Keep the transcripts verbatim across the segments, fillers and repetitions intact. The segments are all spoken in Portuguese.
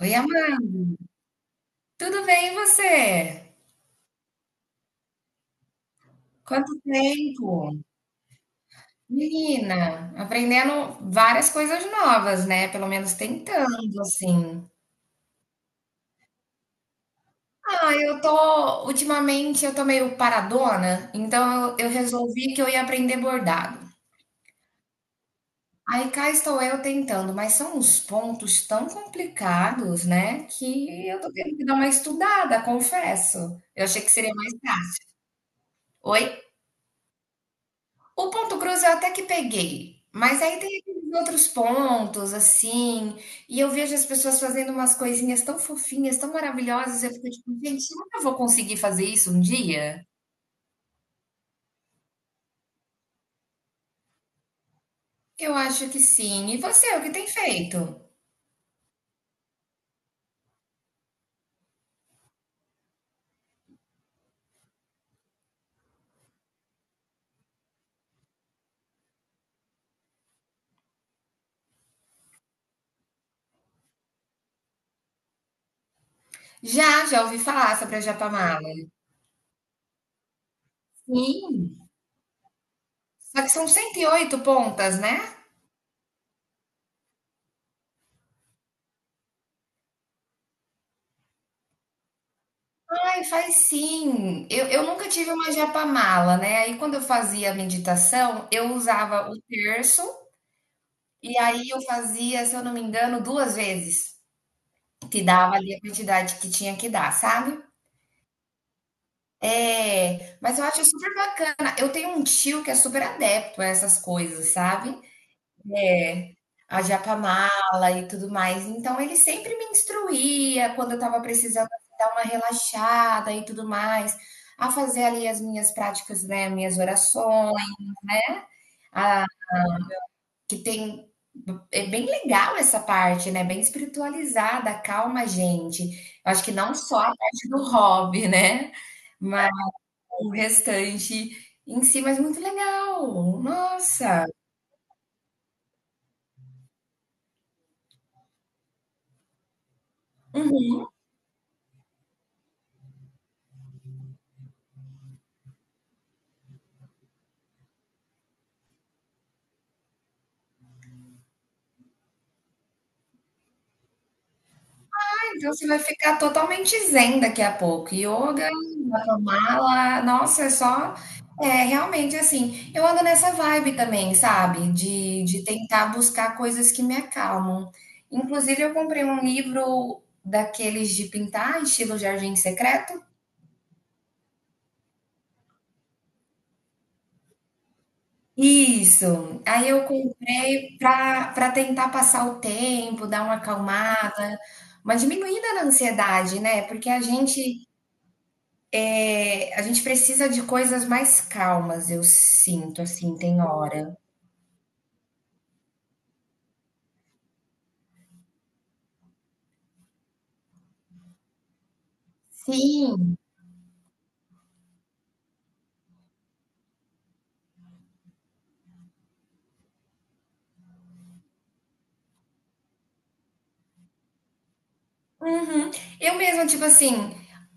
Oi, Amanda, tudo bem e você? Quanto tempo? Menina, aprendendo várias coisas novas, né? Pelo menos tentando, assim. Ah, eu tô, ultimamente eu tô meio paradona, então eu, eu resolvi que eu ia aprender bordado. Aí cá estou eu tentando, mas são uns pontos tão complicados, né? Que eu tô tendo que dar uma estudada, confesso. Eu achei que seria mais fácil. Oi? O Ponto Cruz eu até que peguei, mas aí tem aqueles outros pontos, assim, e eu vejo as pessoas fazendo umas coisinhas tão fofinhas, tão maravilhosas, eu fico tipo, gente, será que eu vou conseguir fazer isso um dia? Eu acho que sim. E você, o que tem feito? Já, já ouvi falar sobre a Japamala. Sim, só que são cento e oito pontas, né? Ai, faz sim. Eu, eu nunca tive uma japamala, né? Aí quando eu fazia a meditação, eu usava o terço. E aí eu fazia, se eu não me engano, duas vezes, que dava ali a quantidade que tinha que dar, sabe. É, mas eu acho super bacana. Eu tenho um tio que é super adepto a essas coisas, sabe. É, a japamala e tudo mais, então ele sempre me instruía quando eu estava precisando, assim, dar uma relaxada e tudo mais, a fazer ali as minhas práticas, né, minhas orações, a que tem. É bem legal essa parte, né? Bem espiritualizada, calma a gente. Eu acho que não só a parte do hobby, né? Mas o restante em si, mas muito legal. Nossa! Então, você vai ficar totalmente zen daqui a pouco. Yoga, mala, nossa, é só. É, realmente, assim, eu ando nessa vibe também, sabe? De, de tentar buscar coisas que me acalmam. Inclusive, eu comprei um livro daqueles de pintar, estilo Jardim Secreto. Isso. Aí eu comprei para para tentar passar o tempo, dar uma acalmada, uma diminuída na ansiedade, né? Porque a gente... É, a gente precisa de coisas mais calmas, eu sinto, assim, tem hora. Sim. Uhum. Eu mesma, tipo assim,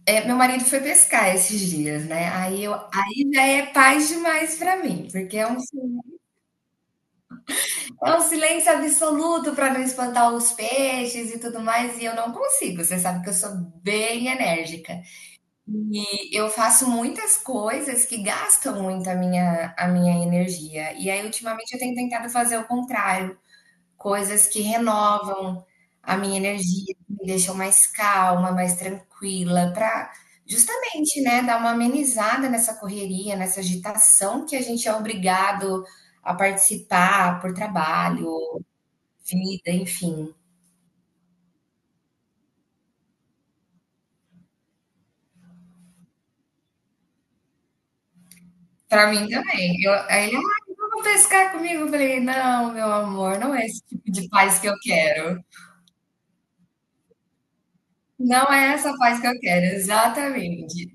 é, meu marido foi pescar esses dias, né? Aí, eu, aí já é paz demais pra mim, porque é um, si- é um silêncio absoluto pra não espantar os peixes e tudo mais, e eu não consigo. Você sabe que eu sou bem enérgica. E eu faço muitas coisas que gastam muito a minha, a minha energia. E aí, ultimamente, eu tenho tentado fazer o contrário. Coisas que renovam a minha energia, que me deixam mais calma, mais tranquila, para justamente, né, dar uma amenizada nessa correria, nessa agitação que a gente é obrigado a participar por trabalho, vida, enfim. Para mim também. Eu aí ele: "Ai, vamos pescar comigo?" Eu falei: "Não, meu amor, não é esse tipo de paz que eu quero. Não é essa paz que eu quero", exatamente.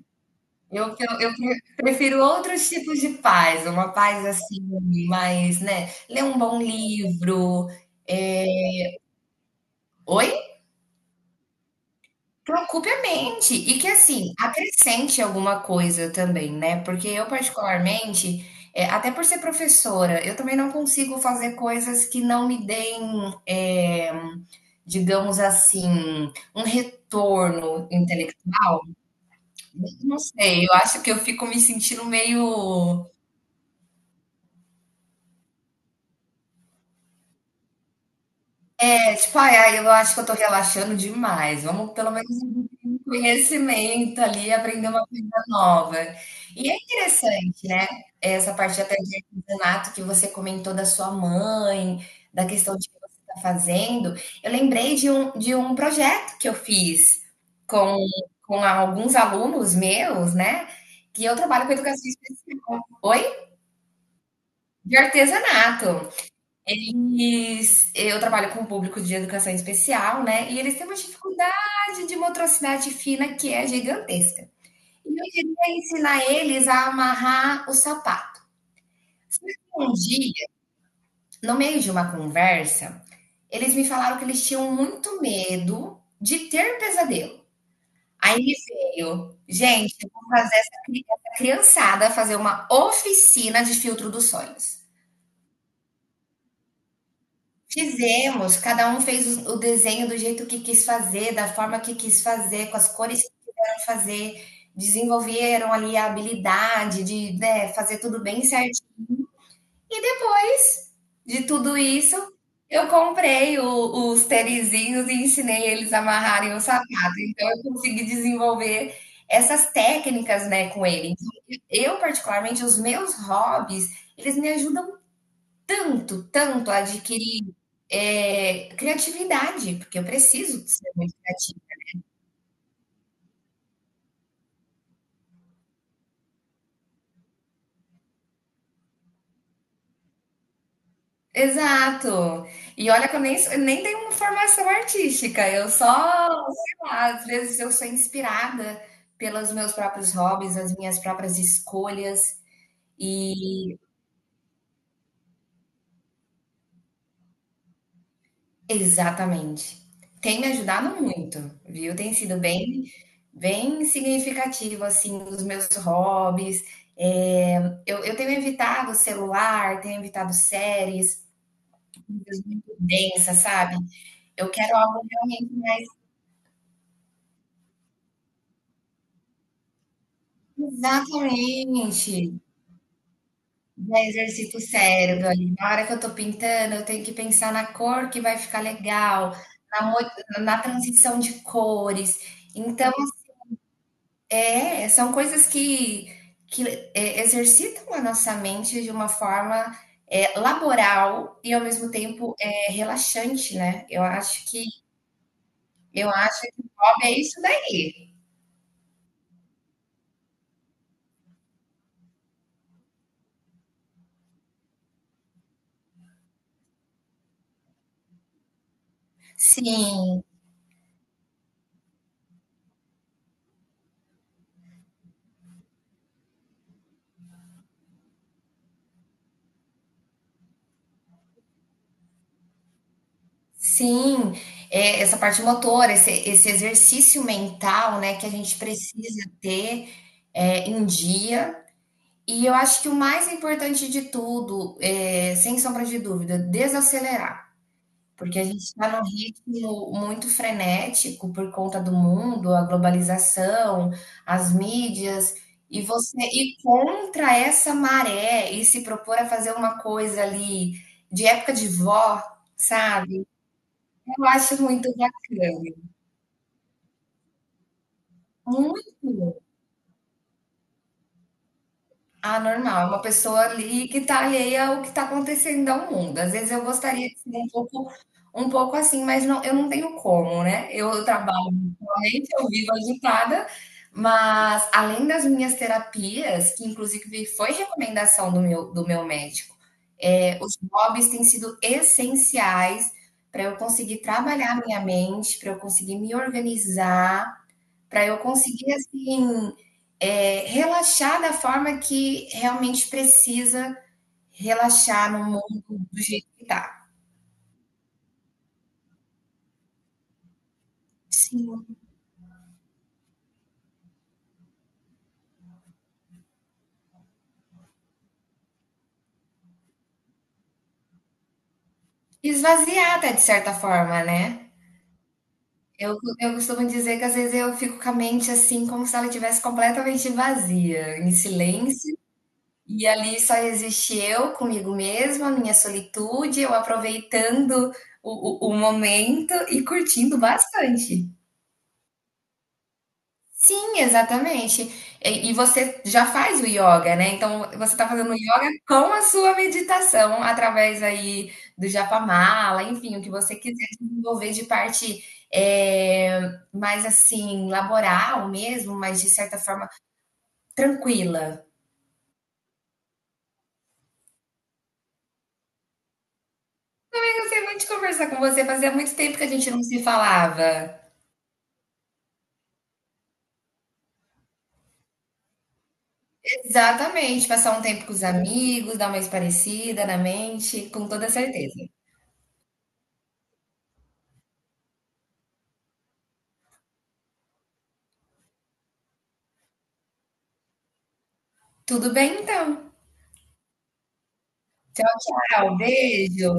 Eu, eu, eu pre- prefiro outros tipos de paz, uma paz assim, mais, né? Ler um bom livro. É. Oi? Preocupe a mente. E que, assim, acrescente alguma coisa também, né? Porque eu, particularmente, é, até por ser professora, eu também não consigo fazer coisas que não me deem, é, digamos assim, um retorno intelectual. Não sei, eu acho que eu fico me sentindo meio. É tipo, ai, ai, eu acho que eu tô relaxando demais. Vamos pelo menos um conhecimento ali, aprender uma coisa nova. E é interessante, né? Essa parte até de artesanato que você comentou da sua mãe, da questão de que você está fazendo. Eu lembrei de um, de um projeto que eu fiz com, com alguns alunos meus, né? Que eu trabalho com educação especial. Oi? De artesanato. Eles, eu trabalho com o público de educação especial, né, e eles têm uma dificuldade de motricidade fina que é gigantesca. E eu queria ensinar eles a amarrar o sapato. Um dia, no meio de uma conversa, eles me falaram que eles tinham muito medo de ter pesadelo. Aí me veio, gente, eu vou fazer essa cri- essa criançada fazer uma oficina de filtro dos sonhos. Fizemos, cada um fez o o desenho do jeito que quis fazer, da forma que quis fazer, com as cores que quiseram fazer, desenvolveram ali a habilidade de, né, fazer tudo bem certinho. E depois de tudo isso, eu comprei o- os tenizinhos e ensinei eles a amarrarem o sapato. Então eu consegui desenvolver essas técnicas, né, com ele. Então, eu particularmente os meus hobbies, eles me ajudam tanto, tanto adquirir, eh, criatividade, porque eu preciso ser muito criativa. Exato. E olha que eu nem, sou- nem tenho uma formação artística, eu só, sei lá, às vezes eu sou inspirada pelos meus próprios hobbies, as minhas próprias escolhas e... Exatamente. Tem me ajudado muito, viu? Tem sido bem bem significativo, assim, os meus hobbies. Eh, eu eu tenho evitado o celular, tenho evitado séries densas, sabe. Eu quero algo realmente mais... exatamente. Já exercita o cérebro ali. Na hora que eu tô pintando, eu tenho que pensar na cor que vai ficar legal, na mo na transição de cores. Então... É, são coisas que, que é, exercitam a nossa mente de uma forma é, laboral e ao mesmo tempo é, relaxante, né? Eu acho que eu acho que o hobby é isso daí. Sim, sim. É, essa parte motora, esse, esse exercício mental, né, que a gente precisa ter é, em dia. E eu acho que o mais importante de tudo, é, sem sombra de dúvida, desacelerar. Porque a gente está num ritmo muito frenético por conta do mundo, a globalização, as mídias, e você ir contra essa maré e se propor a fazer uma coisa ali de época de vó, sabe? Eu acho muito bacana. Muito anormal, é uma pessoa ali que está alheia ao que está acontecendo ao mundo. Às vezes eu gostaria de ser um pouco um pouco assim, mas não, eu não tenho como, né? Eu trabalho... Atualmente eu vivo agitada, mas além das minhas terapias, que inclusive foi recomendação do meu, do meu médico, eh, os hobbies têm sido essenciais para eu conseguir trabalhar a minha mente, para eu conseguir me organizar, para eu conseguir assim, eh, relaxar da forma que realmente precisa relaxar no mundo do jeito que tá. Sim. Esvaziar até de certa forma, né? Eu, eu costumo dizer que às vezes eu fico com a mente assim, como se ela estivesse completamente vazia, em silêncio, e ali só existe eu comigo mesma, minha solitude, eu aproveitando o, o, o momento e curtindo bastante. Sim, exatamente. E, e você já faz o yoga, né? Então você está fazendo o yoga com a sua meditação, através aí do japamala, enfim, o que você quiser desenvolver de parte eh, mais assim, laboral mesmo, mas de certa forma tranquila. Eu gostei muito de conversar com você, fazia muito tempo que a gente não se falava. Exatamente, passar um tempo com os amigos, dar uma esparecida na mente, com toda certeza. Tudo bem então. Tchau, tchau, beijo.